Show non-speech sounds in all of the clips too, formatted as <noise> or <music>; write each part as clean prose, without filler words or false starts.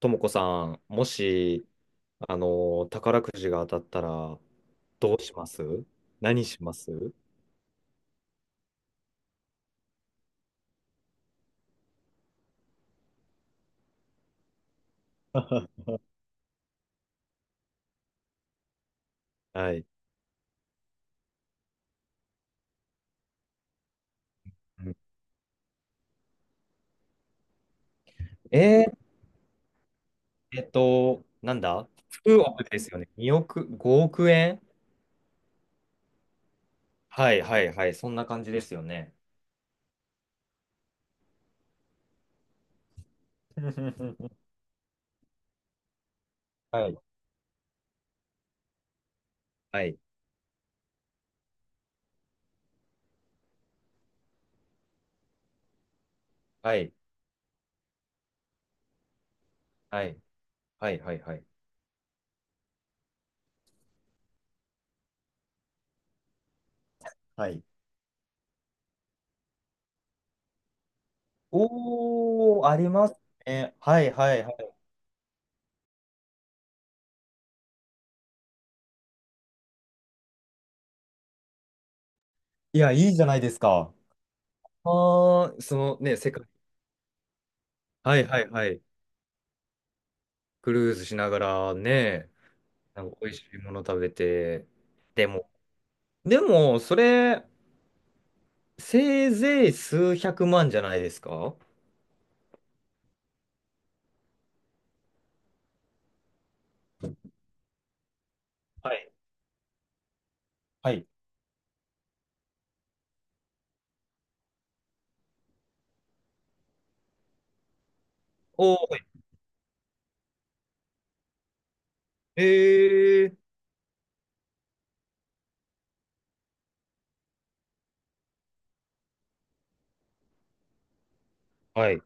ともこさん、もし、宝くじが当たったら、どうします？何します？ <laughs> はい。<laughs> うんえーなんだ 9 億ですよね。2億、5億円。はいはいはい。そんな感じですよね。<laughs> はい。はい。はい。はい。はい。はい。はいはい。おー、ありますね。はいはいはい。いや、いいじゃないですか。あー、そのね、世界。はいはいはい。クルーズしながらね、なんか美味しいもの食べて、でも、でも、それ、せいぜい数百万じゃないですか？はい。はい。おー、へえ。はい、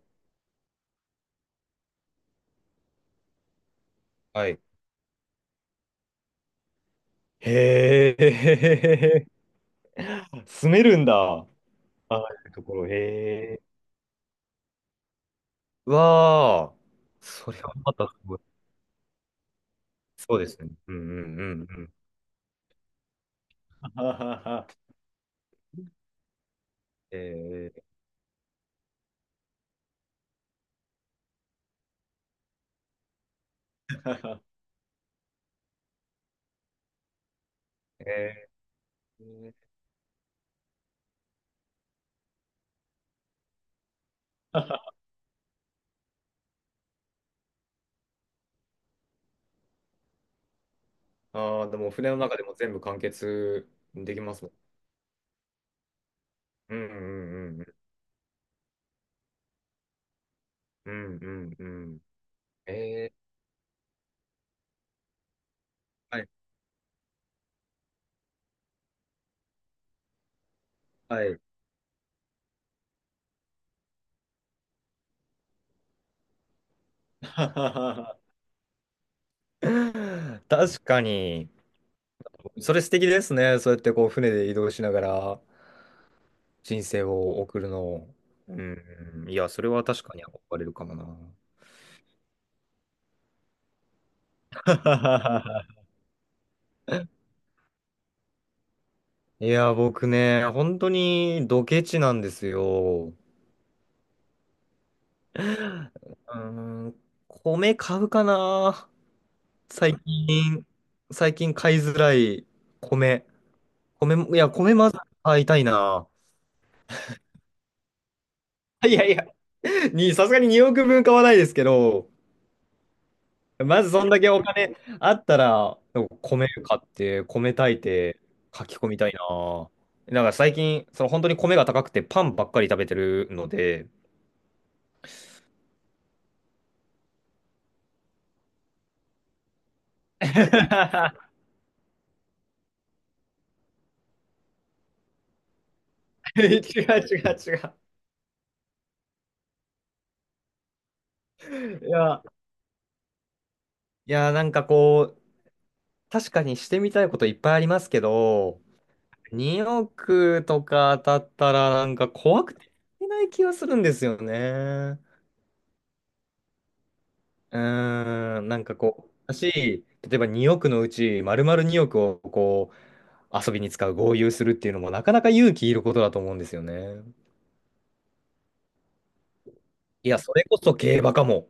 はい。へえ。<laughs> 住めるんだ。ああいうところ、へえ。わあ、それはまたすごい。そうですね。うんうんうんうん。<laughs> へえー。<laughs> へえ。ああ、でも船の中でも全部完結できますもん。うんうんうんうんうんうんうん。えはいはい。<laughs> 確かに、それ素敵ですね。そうやってこう船で移動しながら人生を送るの。うんうん、いや、それは確かに憧れるかもな。<laughs> いや、僕ね、本当にドケチなんですよ。うーん、米買うかな。最近、最近買いづらい米。米も、いや、米まず買いたいな。<laughs> いやいや、さすがに2億分買わないですけど、まずそんだけお金あったら、米買って、米炊いて、書き込みたいな。なんか最近、本当に米が高くてパンばっかり食べてるので、<laughs> 違う違う違う。いや、いや、なんかこう、確かにしてみたいこといっぱいありますけど、2億とか当たったらなんか怖くていけない気がするんですよね。うーん、なんかこう、だし、例えば2億のうち丸々2億をこう遊びに使う、豪遊するっていうのもなかなか勇気いることだと思うんですよね。いや、それこそ競馬かも。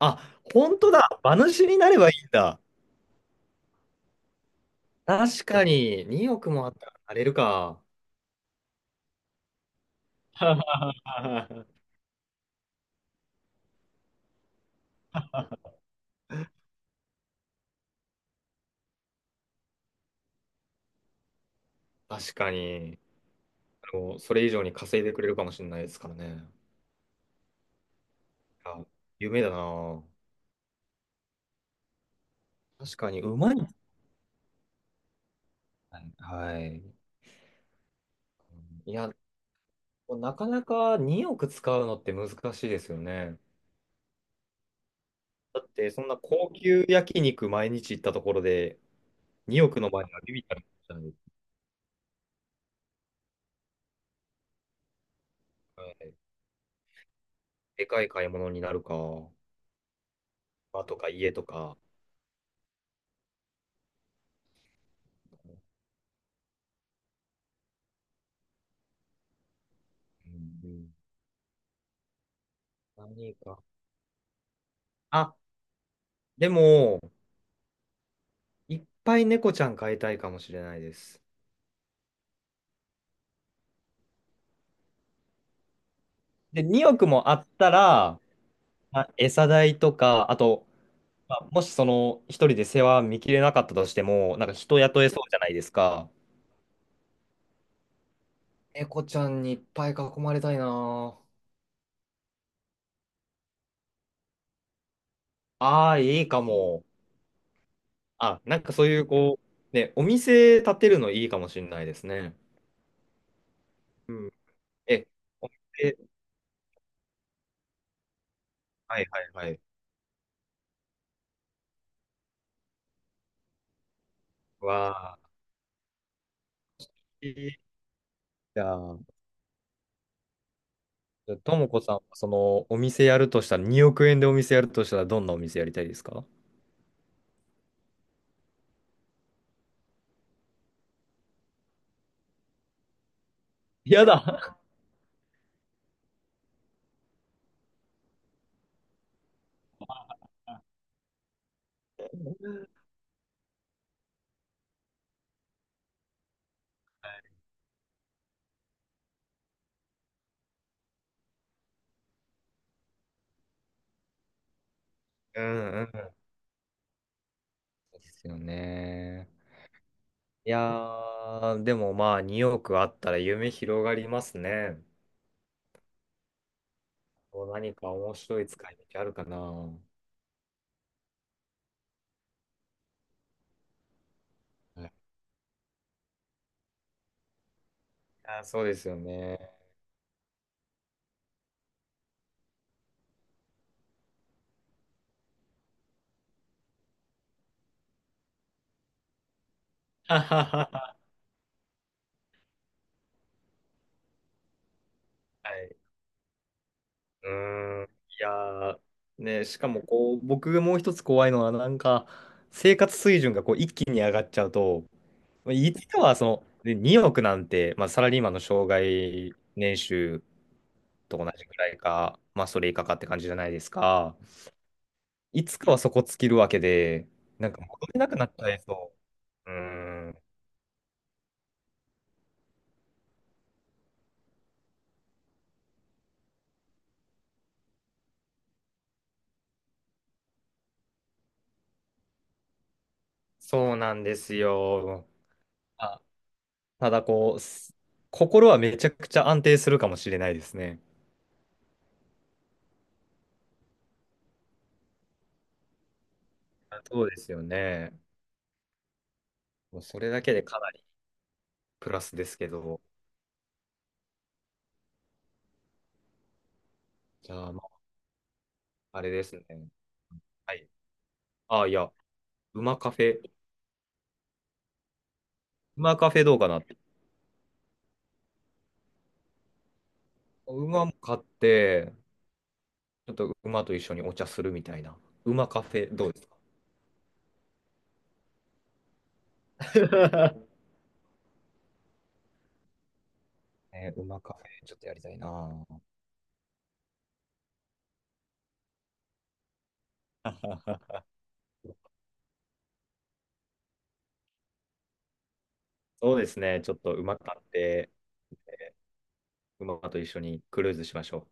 あ、本当だ。馬主になればいいんだ。確かに、2億もあったらなれるか。<laughs> 確かに、それ以上に稼いでくれるかもしれないですからね。あ、夢だな。確かに、うまいですね。はい。いや、なかなか2億使うのって難しいですよね。だって、そんな高級焼肉毎日行ったところで、2億の場合はビビったらじゃないですか、はい、でかい買い物になるか、場とか家とか。うんうん、何か。あ、でも、いっぱい猫ちゃん飼いたいかもしれないです。で、2億もあったら、まあ餌代とか、あと、まあもし一人で世話見切れなかったとしても、なんか人雇えそうじゃないですか。猫ちゃんにいっぱい囲まれたいなぁ。ああ、いいかも。あ、なんかそういうこう、ね、お店建てるのいいかもしれないですね。うん。え、お店、はいはいはい。わあ、いい。じゃあ、ともこさんはそのお店やるとしたら、2億円でお店やるとしたら、どんなお店やりたいですか？やだ。うんうん。ですよね。いやー、でもまあ2億あったら夢広がりますね。こう何か面白い使い道あるかな。はい。あー、そうですよね。<laughs> はははは。はい。うーん。いやー、ね、しかもこう、僕がもう一つ怖いのは、なんか、生活水準がこう一気に上がっちゃうと、まあいつかはで、2億なんて、まあ、サラリーマンの生涯年収と同じくらいか、まあ、それ以下かって感じじゃないですか。いつかはそこ尽きるわけで、なんか戻れなくなっちゃいそう。うーん、そうなんですよ。あ、ただこう、心はめちゃくちゃ安定するかもしれないですね。あ、そうですよね。もうそれだけでかなりプラスですけど、じゃあ、まあ、あれですね。はい。あ、いや、馬カフェ、馬カフェどうかなって。馬も買って、ちょっと馬と一緒にお茶するみたいな。馬カフェどうですか？ <laughs> ね、馬カフェちょっとやりたいな。<laughs> そうですね。ちょっと馬買って、馬と一緒にクルーズしましょう。